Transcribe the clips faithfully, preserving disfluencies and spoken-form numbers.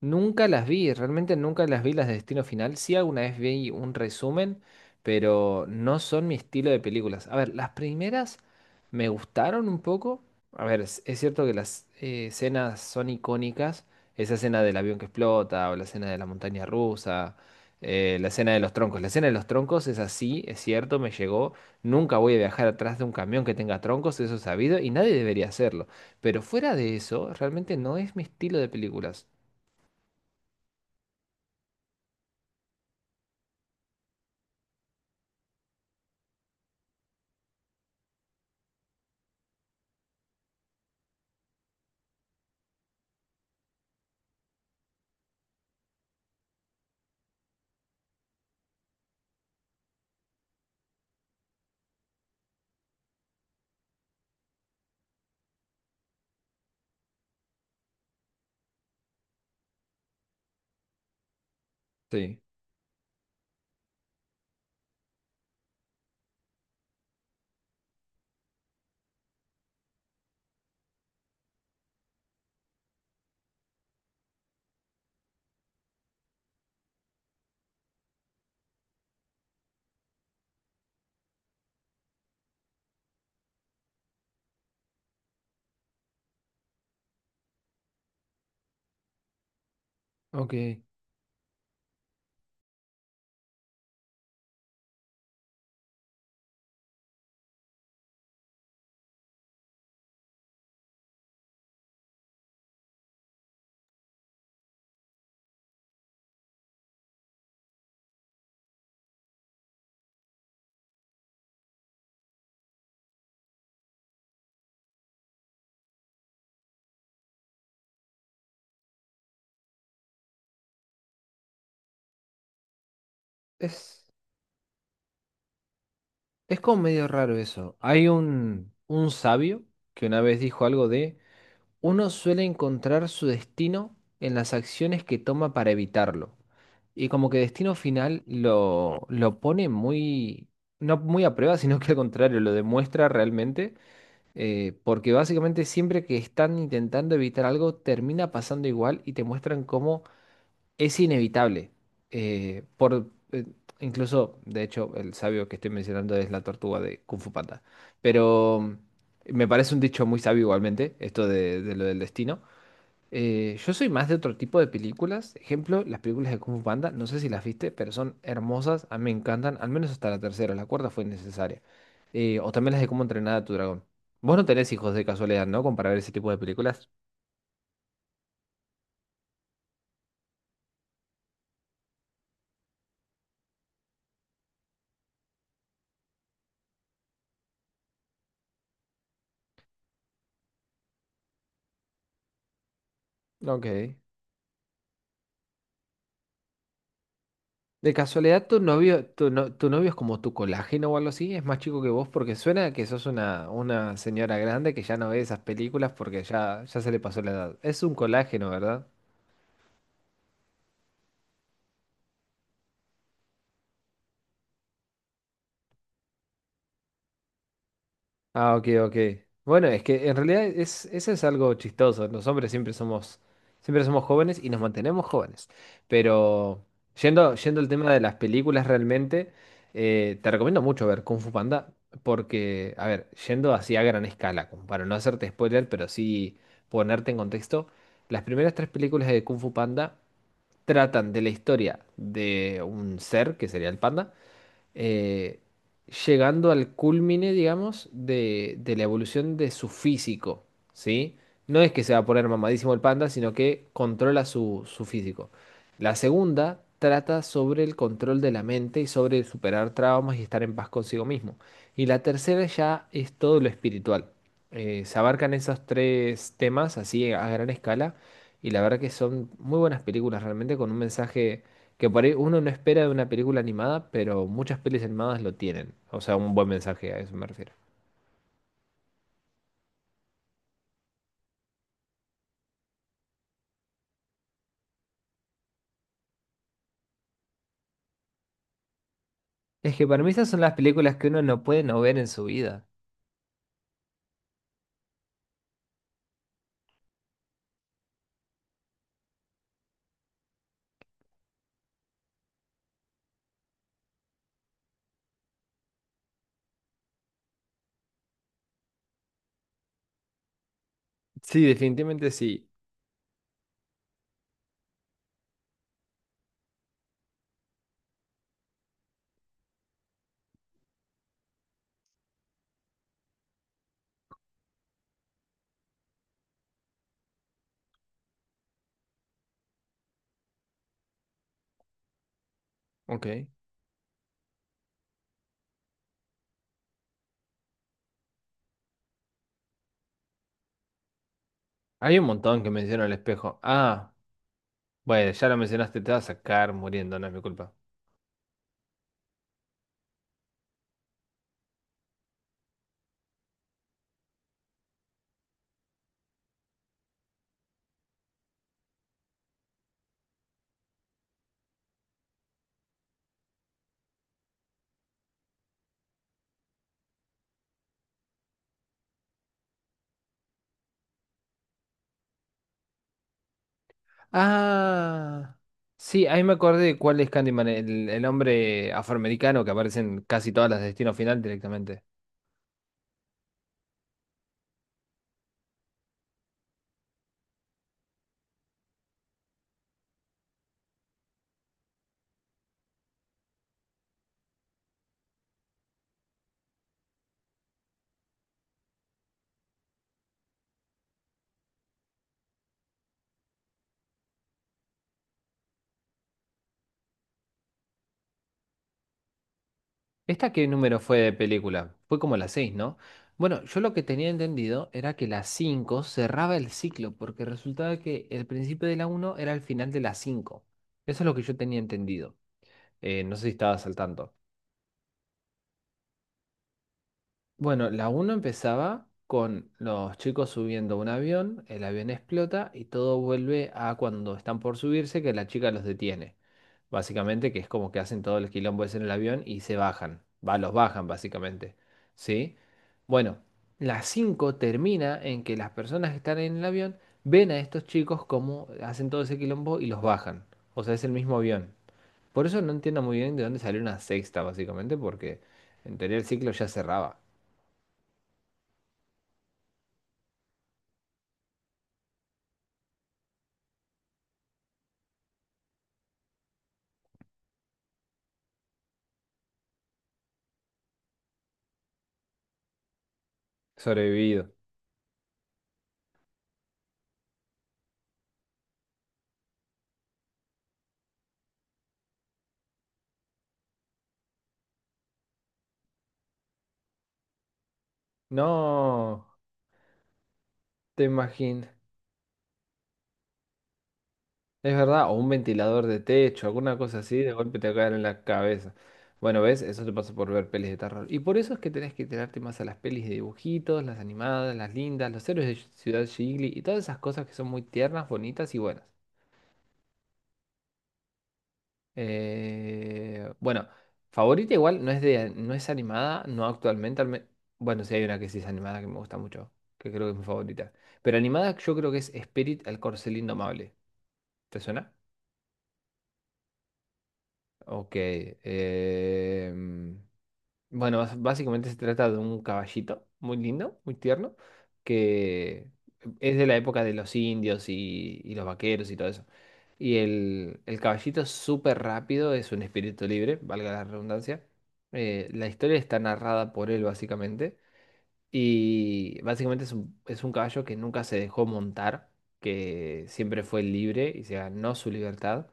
Nunca las vi, realmente nunca las vi las de Destino Final. Sí, alguna vez vi un resumen, pero no son mi estilo de películas. A ver, las primeras me gustaron un poco. A ver, es, es cierto que las eh, escenas son icónicas. Esa escena del avión que explota, o la escena de la montaña rusa, eh, la escena de los troncos. La escena de los troncos es así, es cierto, me llegó. Nunca voy a viajar atrás de un camión que tenga troncos, eso es sabido, y nadie debería hacerlo. Pero fuera de eso, realmente no es mi estilo de películas. Sí. Ok. Es, es como medio raro eso. Hay un, un sabio que una vez dijo algo de, uno suele encontrar su destino en las acciones que toma para evitarlo. Y como que destino final lo, lo pone muy, no muy a prueba, sino que al contrario, lo demuestra realmente, eh, porque básicamente siempre que están intentando evitar algo, termina pasando igual y te muestran cómo es inevitable. eh, por, eh, Incluso, de hecho, el sabio que estoy mencionando es la tortuga de Kung Fu Panda. Pero mm, me parece un dicho muy sabio igualmente, esto de, de lo del destino. Eh, yo soy más de otro tipo de películas. Ejemplo, las películas de Kung Fu Panda, no sé si las viste, pero son hermosas, a mí me encantan, al menos hasta la tercera, la cuarta fue innecesaria. Eh, o también las de Cómo entrenar a tu dragón. Vos no tenés hijos de casualidad, ¿no? Como para ver ese tipo de películas. Ok. De casualidad, tu novio, tu, no- tu novio es como tu colágeno o algo así, es más chico que vos porque suena que sos una, una señora grande que ya no ve esas películas porque ya, ya se le pasó la edad. Es un colágeno, ¿verdad? Ah, ok, ok. Bueno, es que en realidad es, eso es algo chistoso. Los hombres siempre somos, siempre somos jóvenes y nos mantenemos jóvenes. Pero yendo, yendo al tema de las películas realmente, eh, te recomiendo mucho ver Kung Fu Panda porque, a ver, yendo así a gran escala, como para no hacerte spoiler, pero sí ponerte en contexto, las primeras tres películas de Kung Fu Panda tratan de la historia de un ser, que sería el panda, eh, llegando al culmine, digamos, de, de la evolución de su físico, ¿sí? No es que se va a poner mamadísimo el panda, sino que controla su, su físico. La segunda trata sobre el control de la mente y sobre superar traumas y estar en paz consigo mismo. Y la tercera ya es todo lo espiritual. Eh, se abarcan esos tres temas así a gran escala y la verdad que son muy buenas películas realmente con un mensaje que por ahí uno no espera de una película animada, pero muchas pelis animadas lo tienen. O sea, un buen mensaje, a eso me refiero. Es que para mí esas son las películas que uno no puede no ver en su vida. Sí, definitivamente sí. Ok. Hay un montón que menciono el espejo. Ah, bueno, ya lo mencionaste, te vas a sacar muriendo, no es mi culpa. Ah, sí, ahí me acordé de cuál es Candyman, el, el hombre afroamericano que aparece en casi todas las de Destino Final directamente. ¿Esta qué número fue de película? Fue como la seis, ¿no? Bueno, yo lo que tenía entendido era que la cinco cerraba el ciclo, porque resultaba que el principio de la uno era el final de la cinco. Eso es lo que yo tenía entendido. Eh, no sé si estabas al tanto. Bueno, la uno empezaba con los chicos subiendo a un avión, el avión explota y todo vuelve a cuando están por subirse, que la chica los detiene. Básicamente, que es como que hacen todo el quilombo ese en el avión y se bajan, va, los bajan básicamente, ¿sí? Bueno, las cinco termina en que las personas que están en el avión ven a estos chicos cómo hacen todo ese quilombo y los bajan, o sea, es el mismo avión. Por eso no entiendo muy bien de dónde salió una sexta, básicamente, porque en teoría el ciclo ya cerraba. Sobrevivido. No, te imaginas. Es verdad, o un ventilador de techo, alguna cosa así, de golpe te caen en la cabeza. Bueno, ¿ves? Eso te pasa por ver pelis de terror. Y por eso es que tenés que tirarte más a las pelis de dibujitos, las animadas, las lindas, los héroes de Ciudad Ghibli y todas esas cosas que son muy tiernas, bonitas y buenas. Eh, bueno, favorita igual no es de, no es animada, no actualmente. al me- Bueno, sí hay una que sí es animada que me gusta mucho, que creo que es mi favorita. Pero animada yo creo que es Spirit, el corcel indomable. ¿Te suena? Ok. em, Bueno, bas- básicamente se trata de un caballito muy lindo, muy tierno, que es de la época de los indios y, y los vaqueros y todo eso. Y el, el caballito es súper rápido, es un espíritu libre, valga la redundancia. Eh, la historia está narrada por él, básicamente. Y básicamente es un, es un caballo que nunca se dejó montar, que siempre fue libre y se ganó su libertad.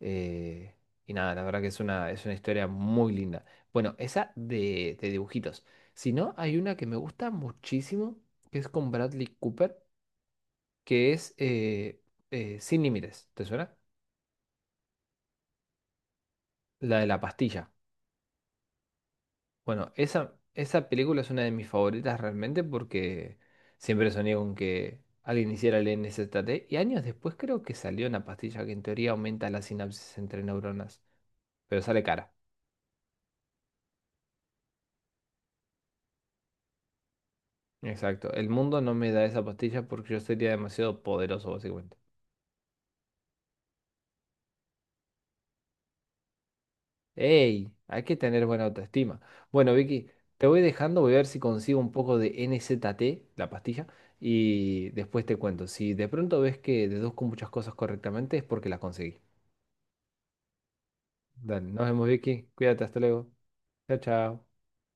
Eh, y nada, la verdad que es una, es una historia muy linda. Bueno, esa de, de dibujitos. Si no, hay una que me gusta muchísimo, que es con Bradley Cooper, que es eh, eh, Sin Límites. ¿Te suena? La de la pastilla. Bueno, esa, esa película es una de mis favoritas realmente porque siempre soñé con que alguien hiciera el N Z t y años después creo que salió una pastilla que en teoría aumenta la sinapsis entre neuronas, pero sale cara. Exacto, el mundo no me da esa pastilla porque yo sería demasiado poderoso básicamente. ¡Ey! Hay que tener buena autoestima. Bueno, Vicky, te voy dejando, voy a ver si consigo un poco de N Z T, la pastilla, y después te cuento. Si de pronto ves que deduzco muchas cosas correctamente es porque las conseguí. Dale, nos vemos, Vicky. Cuídate, hasta luego. Chao, chao.